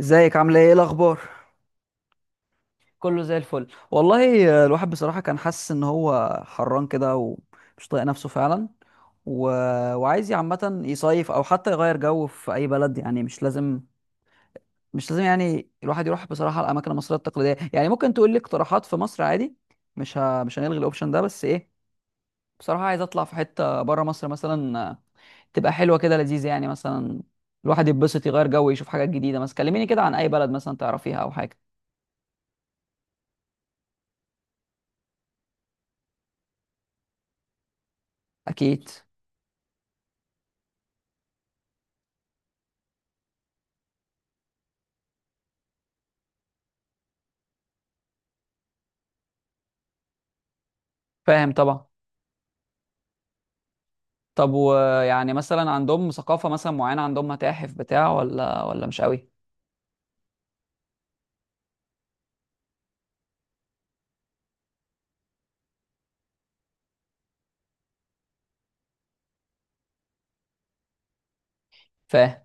ازيك عامله ايه الاخبار؟ كله زي الفل والله. الواحد بصراحه كان حاسس ان هو حران كده ومش طايق نفسه فعلا. و... وعايز عامه يصيف او حتى يغير جو في اي بلد، يعني مش لازم يعني الواحد يروح بصراحه الاماكن المصريه التقليديه. يعني ممكن تقول لي اقتراحات في مصر عادي. مش هنلغي الاوبشن ده، بس ايه بصراحه عايز اطلع في حته بره مصر مثلا. تبقى حلوه كده لذيذه يعني، مثلا الواحد يتبسط يغير جو يشوف حاجات جديده. مثلا كلميني كده عن اي بلد مثلا تعرفيها او حاجه. اكيد. فاهم طبعا. طب، ويعني مثلا عندهم ثقافة مثلا معينة؟ عندهم متاحف بتاع ولا مش قوي؟ فاهم.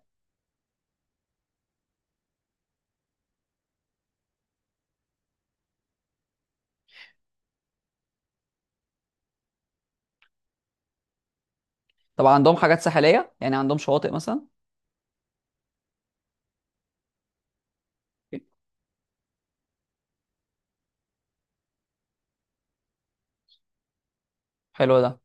طب عندهم حاجات ساحلية؟ يعني عندهم شواطئ مثلا؟ حلو ده.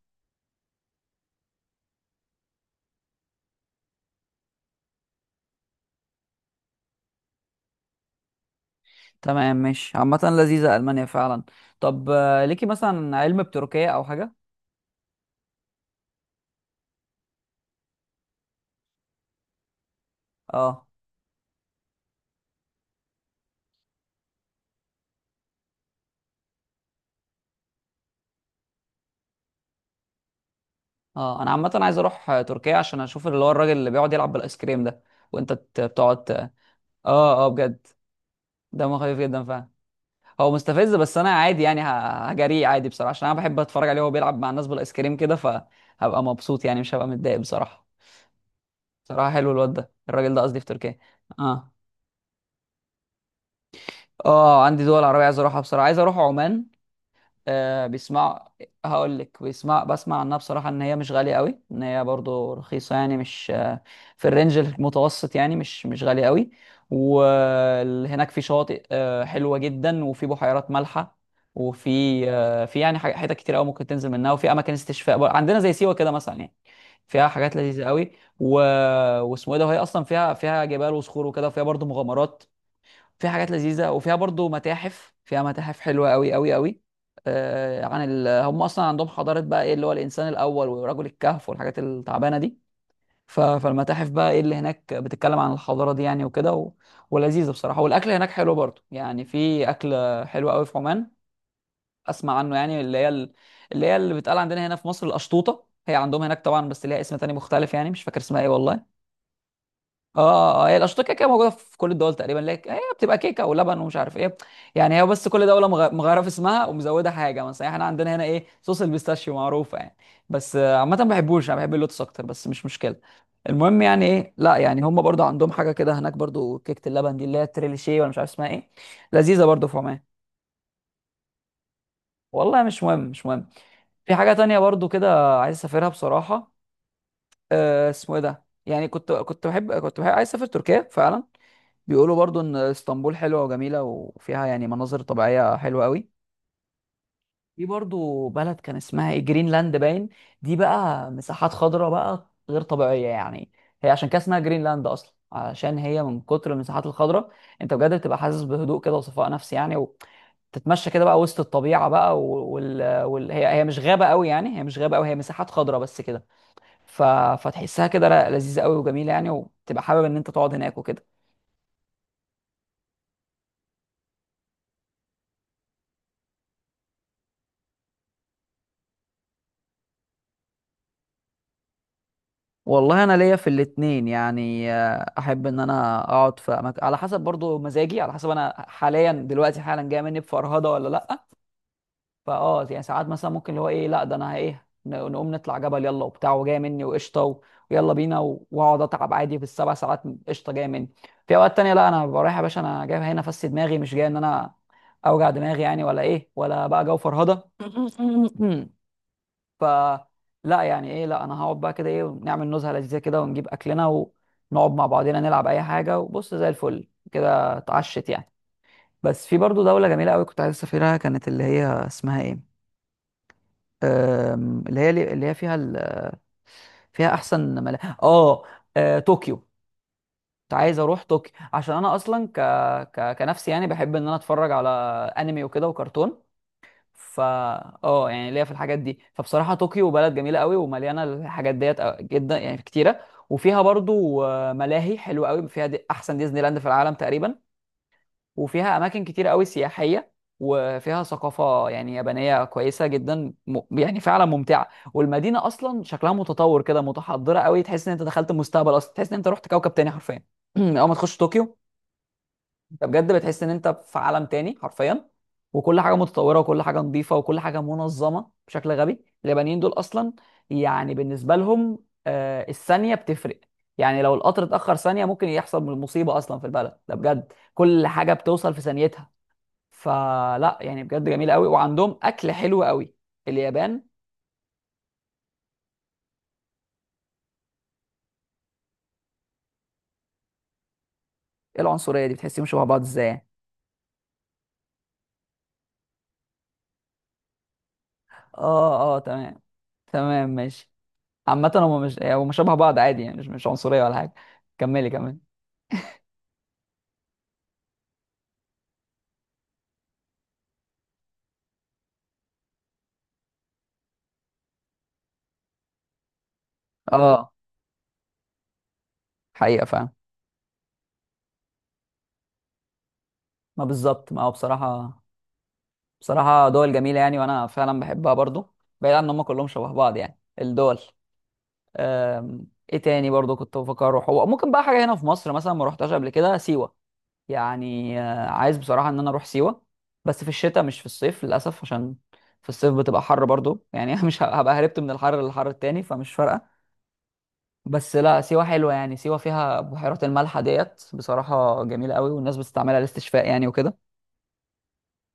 تمام ماشي، عامة لذيذة ألمانيا فعلا. طب ليكي مثلا علم بتركيا أو حاجة؟ اه اه. أنا عامة عايز أروح تركيا، عشان أشوف اللي هو الراجل اللي بيقعد يلعب بالآيس كريم ده، وأنت بتقعد اه اه بجد. دمه خفيف جدا فعلا. هو مستفز بس انا عادي يعني، هجريه عادي بصراحه عشان انا بحب اتفرج عليه وهو بيلعب مع الناس بالايس كريم كده، فهبقى مبسوط يعني مش هبقى متضايق بصراحه. بصراحه حلو الواد ده، الراجل ده قصدي، في تركيا. اه اه. عندي دول عربيه عايز اروحها بصراحه. عايز اروح عمان. بيسمع. هقول لك، بيسمع بسمع عنها بصراحة ان هي مش غالية قوي، ان هي برضو رخيصة يعني، مش آه في الرينج المتوسط يعني، مش غالية قوي. وهناك في شواطئ حلوة جدا وفي بحيرات مالحة. وفي في يعني حتت كتير قوي ممكن تنزل منها، وفي اماكن استشفاء عندنا زي سيوة كده مثلا يعني. فيها حاجات لذيذة قوي. و... واسمه ايه ده، وهي اصلا فيها جبال وصخور وكده، وفيها برضو مغامرات. في حاجات لذيذه، وفيها برضو متاحف، فيها متاحف حلوه قوي قوي قوي. آه عن هم اصلا عندهم حضاره بقى، ايه اللي هو الانسان الاول ورجل الكهف والحاجات التعبانه دي. فالمتاحف بقى ايه اللي هناك بتتكلم عن الحضاره دي يعني، وكده. ولذيذه بصراحه، والاكل هناك حلو برضو يعني. في اكل حلو قوي في عمان. اسمع عنه يعني، اللي هي اللي هي اللي بتقال عندنا هنا في مصر القشطوطه، هي عندهم هناك طبعا بس ليها اسم تاني مختلف يعني. مش فاكر اسمها ايه والله. اه اه، هي الاشطه كده كده موجوده في كل الدول تقريبا. لك هي بتبقى كيكه ولبن ومش عارف ايه يعني، هي بس كل دوله مغيره في اسمها ومزوده حاجه مثلا. يعني احنا عندنا هنا ايه، صوص البيستاشيو معروفه يعني، بس عامه ما بحبوش، انا بحب اللوتس اكتر بس مش مشكله. المهم يعني، ايه، لا يعني هم برضو عندهم حاجه كده هناك، برضو كيكه اللبن دي اللي هي تريليشيه ولا مش عارف اسمها ايه. لذيذه برضو في عمان. والله مش مهم مش مهم. في حاجة تانية برضو كده عايز اسافرها بصراحة. آه اسمه ايه ده، يعني كنت بحب عايز اسافر تركيا فعلا. بيقولوا برضو ان اسطنبول حلوه وجميله، وفيها يعني مناظر طبيعيه حلوه قوي. في برضو بلد كان اسمها جرينلاند باين. دي بقى مساحات خضراء بقى غير طبيعيه يعني. هي عشان كده اسمها جرينلاند اصلا، عشان هي من كتر المساحات الخضراء. انت بجد بتبقى حاسس بهدوء كده وصفاء نفسي يعني، وتتمشى كده بقى وسط الطبيعه بقى، هي مش غابه قوي، يعني هي مش غابه قوي، هي مساحات خضراء بس كده. ف... فتحسها كده لذيذه قوي وجميله يعني، وتبقى حابب ان انت تقعد هناك وكده. والله انا ليا في الاتنين يعني. احب ان انا اقعد في أماكن على حسب برضو مزاجي، على حسب انا حاليا دلوقتي حالا جاي مني بفرهده ولا لا. فاه يعني ساعات مثلا ممكن اللي هو ايه، لا ده انا ايه، نقوم نطلع جبل يلا وبتاع وجاي مني وقشطه، ويلا بينا واقعد اتعب عادي في السبع ساعات قشطه جاي مني. في اوقات تانية لا، انا ببقى رايح يا باشا، انا جاي هنا افسي دماغي مش جاي ان انا اوجع دماغي يعني، ولا ايه ولا بقى جو فرهده ف لا يعني ايه، لا انا هقعد بقى كده ايه، ونعمل نزهه لذيذه كده ونجيب اكلنا ونقعد مع بعضينا نلعب اي حاجه وبص زي الفل كده اتعشت يعني. بس في برضو دوله جميله قوي كنت عايز اسافرها، كانت اللي هي اسمها ايه، اللي هي فيها فيها احسن اه. طوكيو. كنت عايز اروح طوكيو، عشان انا اصلا كنفسي يعني، بحب ان انا اتفرج على انمي وكده وكرتون. فا اه يعني ليا في الحاجات دي. فبصراحه طوكيو بلد جميله قوي، ومليانه الحاجات ديت جدا يعني كتيره. وفيها برضو ملاهي حلوه قوي، فيها دي احسن ديزني لاند في العالم تقريبا. وفيها اماكن كتير قوي سياحيه، وفيها ثقافه يعني يابانيه كويسه جدا يعني فعلا ممتعه. والمدينه اصلا شكلها متطور كده، متحضره قوي، تحس ان انت دخلت المستقبل اصلا، تحس ان انت رحت كوكب تاني حرفيا اول ما تخش طوكيو. انت بجد بتحس ان انت في عالم تاني حرفيا. وكل حاجه متطوره، وكل حاجه نظيفه، وكل حاجه منظمه بشكل غبي. اليابانيين دول اصلا يعني بالنسبه لهم الثانيه بتفرق. يعني لو القطر اتاخر ثانيه ممكن يحصل مصيبه اصلا، في البلد ده بجد كل حاجه بتوصل في ثانيتها. فلا يعني بجد جميله قوي، وعندهم اكل حلو قوي، اليابان. ايه العنصريه دي؟ بتحسيهم شبه بعض ازاي يعني؟ اه اه تمام. تمام ماشي. عامه هم مش هم شبه بعض عادي يعني، مش عنصريه ولا حاجه. كملي كملي. اه حقيقة فعلا. ما بالظبط، ما هو بصراحة. بصراحة دول جميلة يعني، وانا فعلا بحبها برضو، بعيد عن ان هم كلهم شبه بعض يعني الدول. أم... ايه تاني برضو كنت بفكر اروح، هو ممكن بقى حاجة هنا في مصر مثلا ما روحتهاش قبل كده، سيوة يعني. عايز بصراحة ان انا اروح سيوة، بس في الشتاء مش في الصيف للأسف، عشان في الصيف بتبقى حر برضو يعني أنا مش ه- هبقى هربت من الحر للحر التاني فمش فارقة. بس لا، سيوة حلوة يعني. سيوة فيها بحيرات الملح ديت بصراحة جميلة قوي، والناس بتستعملها للاستشفاء يعني وكده.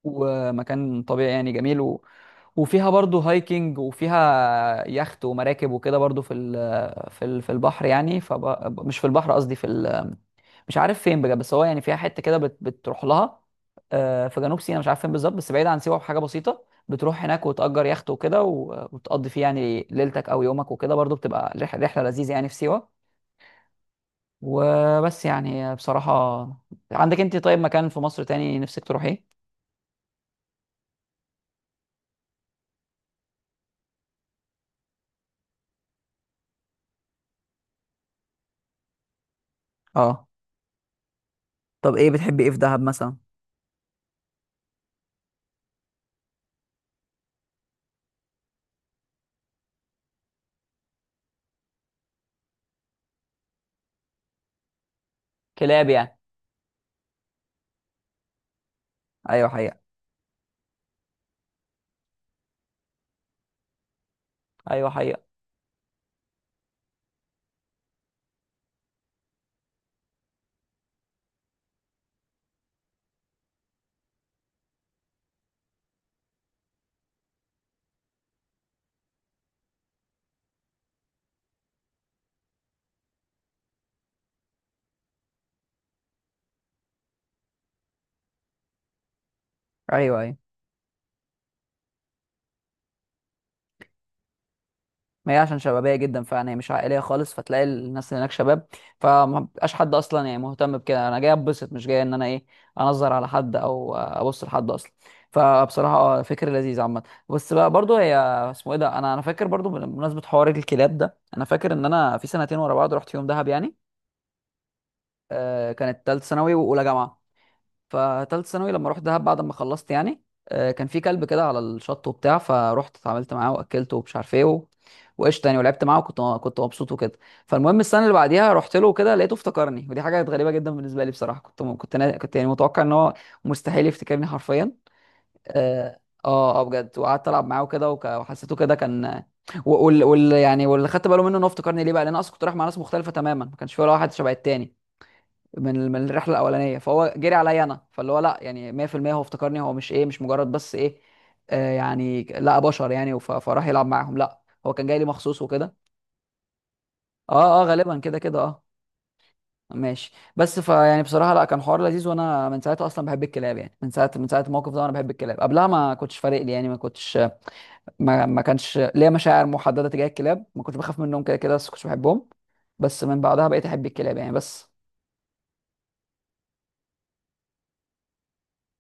ومكان طبيعي يعني جميل، وفيها برضو هايكنج، وفيها يخت ومراكب وكده برضو في في البحر يعني، مش في البحر قصدي في مش عارف فين بجد. بس هو يعني فيها حتة كده بتروح لها، في جنوب سيناء مش عارف فين بالظبط، بس بعيد عن سيوة بحاجة بسيطة. بتروح هناك وتأجر يخت وكده، وتقضي فيه يعني ليلتك أو يومك وكده، برضو بتبقى رحلة لذيذة يعني في سيوة. وبس يعني بصراحة. عندك انت طيب مكان في مصر تاني نفسك تروحيه؟ اه. طب ايه بتحبي ايه في دهب مثلا؟ كلاب يعني. ايوه حقيقة. ايوه حقيقة. ايوه ايوه. ما هي عشان شبابيه جدا فعلا، هي مش عائليه خالص، فتلاقي الناس اللي هناك شباب. فما بقاش حد اصلا يعني مهتم بكده. انا جاي اتبسط مش جاي ان انا ايه، انظر على حد او ابص لحد اصلا. فبصراحه فكر لذيذ عامه. بس بقى برضو هي اسمه ايه ده، انا فاكر برضو بمناسبه حوار الكلاب ده، انا فاكر ان انا في سنتين ورا بعض رحت يوم دهب يعني. كانت ثالث ثانوي واولى جامعه. فتالت ثانوي لما رحت دهب بعد ما خلصت يعني، كان في كلب كده على الشط وبتاع. فروحت اتعاملت معاه واكلته ومش عارف ايه، وقشطه يعني ولعبت معاه، وكنت مبسوط وكده. فالمهم السنه اللي بعديها رحت له كده لقيته افتكرني، ودي حاجه كانت غريبه جدا بالنسبه لي بصراحه. كنت م- كنت نا- كنت يعني متوقع ان هو مستحيل يفتكرني حرفيا. اه اه آه بجد. وقعدت العب معاه وكده، وحسيته كده كان. و- وال وال يعني واللي خدت باله منه ان هو افتكرني ليه بقى، لان انا اصلا كنت رايح مع ناس مختلفه تماما، ما كانش في ولا واحد شبه التاني من الرحله الاولانيه، فهو جري عليا انا. فاللي هو لا يعني 100% هو افتكرني، هو مش ايه مش مجرد بس ايه، آه يعني لا بشر يعني. فراح يلعب معاهم لا، هو كان جاي لي مخصوص وكده. اه اه غالبا كده كده اه. ماشي. بس فيعني بصراحه لا، كان حوار لذيذ. وانا من ساعتها اصلا بحب الكلاب يعني. من ساعه الموقف ده وانا بحب الكلاب. قبلها ما كنتش فارق لي يعني، ما كنتش ما كانش ليا مشاعر محدده تجاه الكلاب، ما كنتش بخاف منهم كده كده بس كنتش بحبهم. بس من بعدها بقيت احب الكلاب يعني، بس.